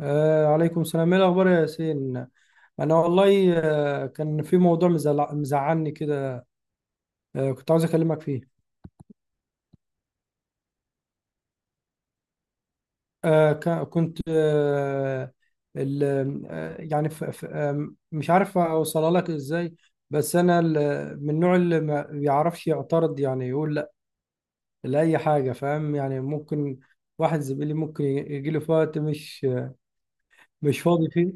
عليكم السلام، ايه الاخبار يا ياسين. انا والله كان في موضوع مزعلني كده. كنت عاوز اكلمك فيه. آه ك- كنت آه ال- آه يعني ف ف آه مش عارف اوصلها لك ازاي. بس انا من النوع اللي ما بيعرفش يعترض، يعني يقول لا لاي حاجه، فاهم؟ يعني ممكن واحد زميلي ممكن يجي له في وقت مش فاضي فيه.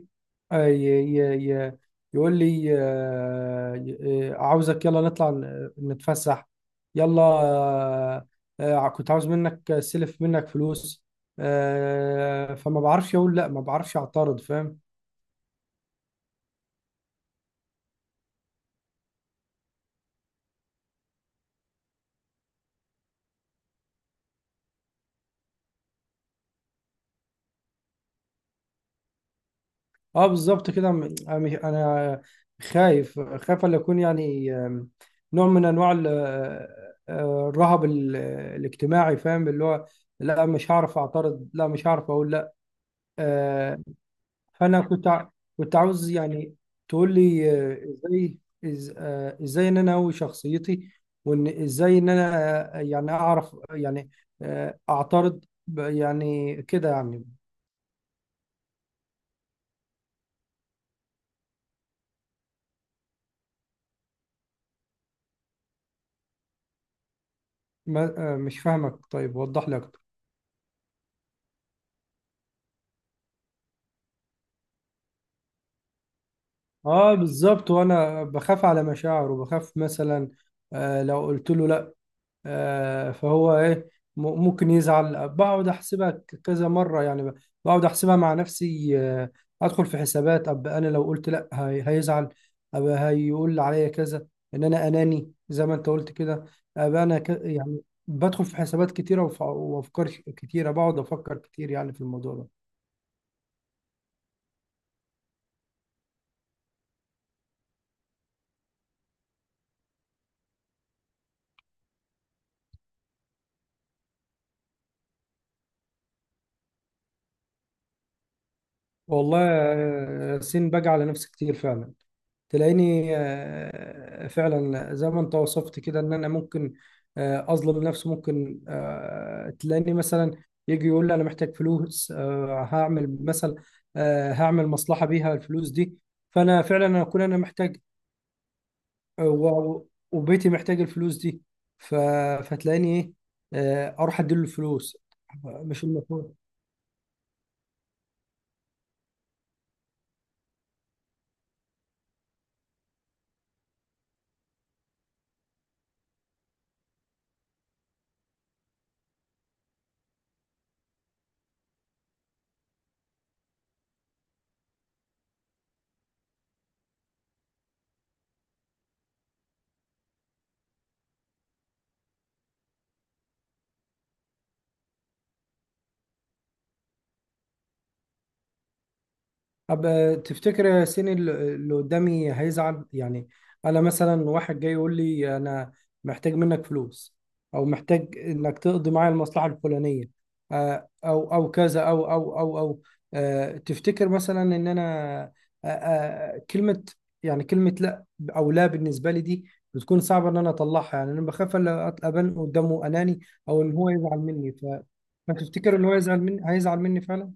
آه، ي- ي- ي- يقول لي عاوزك، يلا نطلع نتفسح، يلا. كنت عاوز منك سلف، منك فلوس. فما بعرفش اقول لا، ما بعرفش اعترض، فاهم؟ اه بالظبط كده. م- انا مش- أنا خايف، خايف ان اكون يعني نوع من انواع الرهب الاجتماعي، فاهم؟ اللي هو لا مش هعرف اعترض، لا مش هعرف اقول لا. آه، فانا كنت عاوز يعني تقول لي ازاي، ازاي ان انا اقوي شخصيتي، وان ازاي ان انا يعني اعرف يعني اعترض يعني كده يعني. مش فاهمك، طيب وضح لي اكتر. اه بالظبط. وانا بخاف على مشاعره، وبخاف مثلا لو قلت له لا فهو ايه، ممكن يزعل. بقعد احسبها كذا مره، يعني بقعد احسبها مع نفسي. ادخل في حسابات، اب انا لو قلت لا هيزعل، اب هيقول عليا كذا، ان انا اناني زي ما انت قلت كده. اب انا يعني بدخل في حسابات كتيره وافكار كتيره، بقعد افكر كتير يعني في الموضوع ده. والله ياسين باجي على نفسي كتير فعلا. تلاقيني فعلا زي ما انت وصفت كده ان انا ممكن اظلم نفسي. ممكن تلاقيني مثلا يجي يقول لي انا محتاج فلوس، هعمل مثلا هعمل مصلحة بيها الفلوس دي، فانا فعلا اكون انا محتاج آه، و- وبيتي محتاج الفلوس دي، ف- فتلاقيني ايه اروح اديله الفلوس. مش المفروض. طب تفتكر يا ياسين اللي قدامي هيزعل يعني؟ انا مثلا واحد جاي يقول لي انا محتاج منك فلوس، او محتاج انك تقضي معايا المصلحه الفلانيه، آه، او او كذا او او او او آه، تفتكر مثلا ان انا كلمه، يعني كلمه لا او لا بالنسبه لي دي بتكون صعبه ان انا اطلعها؟ يعني انا بخاف ابان قدامه اناني، او ان هو يزعل مني، فتفتكر ان هو يزعل مني هيزعل مني فعلا؟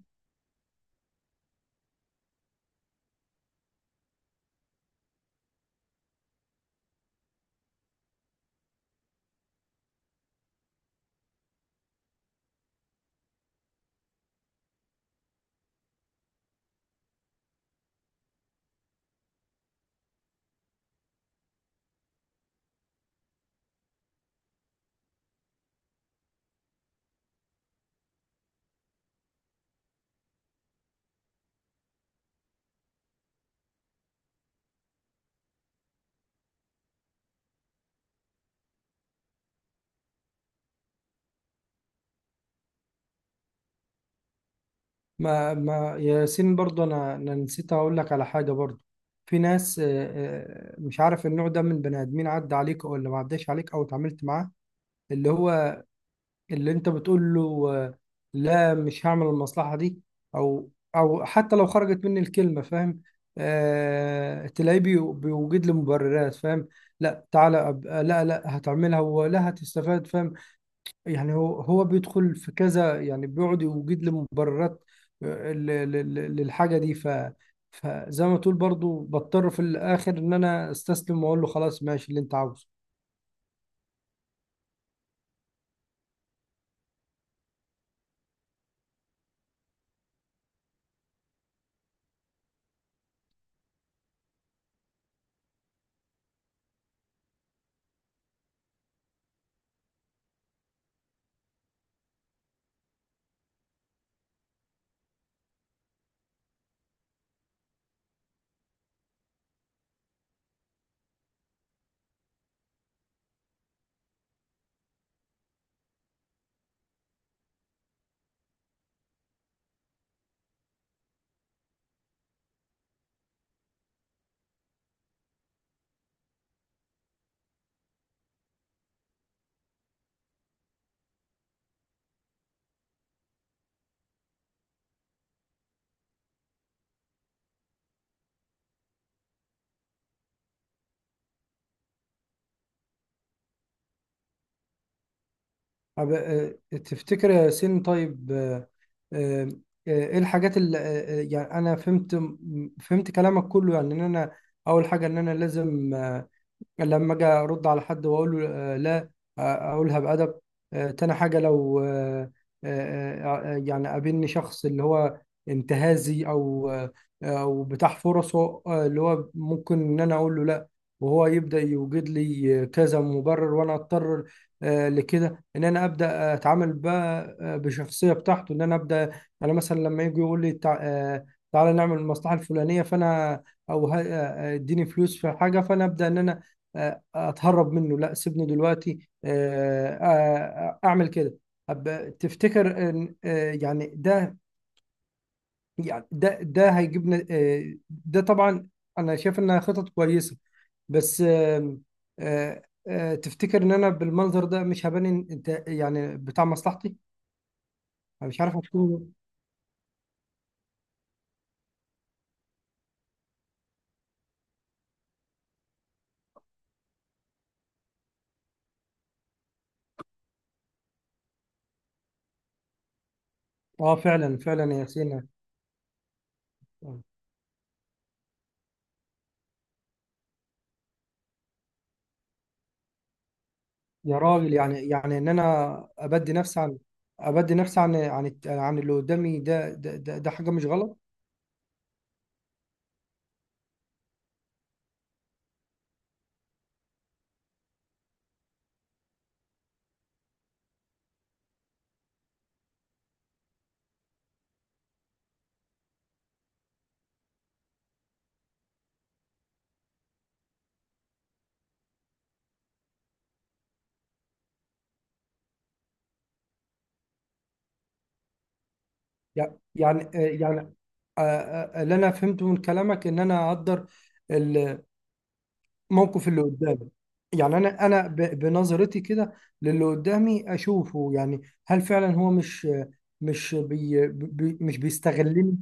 ما ما ياسين، برضو انا انا نسيت اقول لك على حاجه برضو. في ناس مش عارف النوع ده من بني ادمين عدى عليك او اللي ما عداش عليك او اتعاملت معاه، اللي هو اللي انت بتقول له لا مش هعمل المصلحه دي، او او حتى لو خرجت مني الكلمه، فاهم؟ آه تلاقيه بيوجد لي مبررات، فاهم؟ لا تعالى لا لا هتعملها ولا هتستفاد، فاهم؟ يعني هو هو بيدخل في كذا، يعني بيقعد يوجد لي مبررات آه، ل- للحاجة دي. فزي ما تقول برضو بضطر في الآخر إن أنا أستسلم وأقول له خلاص ماشي اللي أنت عاوزه. طب، تفتكر يا ياسين؟ طيب آه، آه، إيه الحاجات اللي يعني أنا فهمت فهمت كلامك كله، يعني إن أنا أول حاجة إن أنا لازم لما اجي ارد على حد واقول له لا، اقولها بادب. تاني حاجه لو يعني قابلني شخص اللي هو انتهازي، او بتاع فرصه، اللي هو ممكن ان انا اقول له لا وهو يبدا يوجد لي كذا مبرر، وانا اضطر لكده ان انا ابدا اتعامل بقى بشخصيه بتاعته ان انا ابدا. انا مثلا لما يجي يقول لي تعالى نعمل المصلحه الفلانيه، فانا او ه- آه، آه، اديني فلوس في حاجه، فانا ابدا ان انا اتهرب منه، لا سيبني دلوقتي، اعمل كده. تفتكر ان يعني ده يعني ده ده هيجيبنا ده طبعا انا شايف انها خطط كويسه، بس آم، آه، آه، تفتكر ان انا بالمنظر ده مش هبان إن انت يعني بتاع مصلحتي؟ انا مش عارف اكون. اه فعلا فعلا يا سينا. يا راجل، يعني ان انا ابدي نفسي عن، ابدي نفسي عن عن اللي قدامي ده، ده حاجه مش غلط. يع- يعني آه، يعني اللي انا فهمته من كلامك ان انا اقدر الموقف اللي قدامي، يعني انا انا بنظرتي كده للي قدامي اشوفه. يعني هل فعلا هو مش، مش بي بي مش بيستغلني؟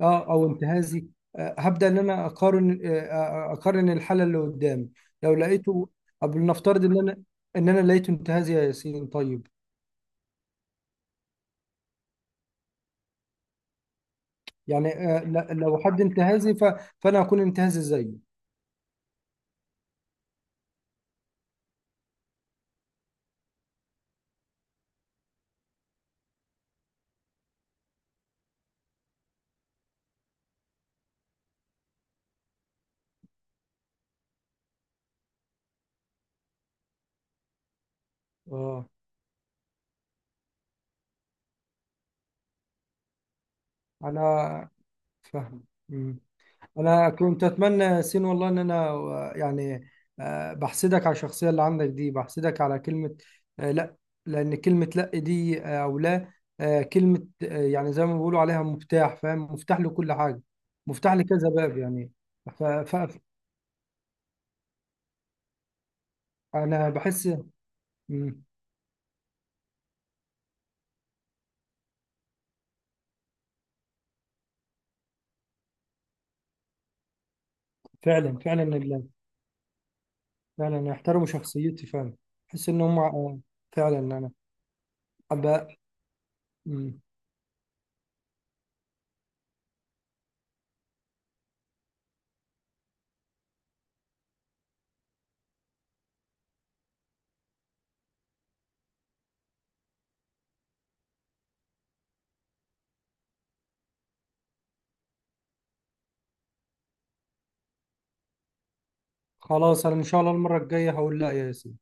اه او انتهازي. هبدا ان انا اقارن، اقارن الحاله اللي قدامي. لو لقيته قبل، نفترض ان انا ان انا لقيته انتهازي يا ياسين، طيب يعني لو حد انتهازي فانا هكون انتهازي زيه. اه أنا فاهم، مم. أنا كنت أتمنى سين، والله إن أنا يعني بحسدك على الشخصية اللي عندك دي، بحسدك على كلمة لأ. لأن كلمة لأ دي أو لا كلمة يعني زي ما بيقولوا عليها مفتاح، فاهم؟ مفتاح لكل حاجة، مفتاح لكذا باب يعني. فأنا بحس، مم. فعلا فعلا يحترموا شخصيتي فعلا. بحس إن هم فعلا أنا أبقى، مم. خلاص أنا إن شاء الله المرة الجاية هقول لأ يا ياسين.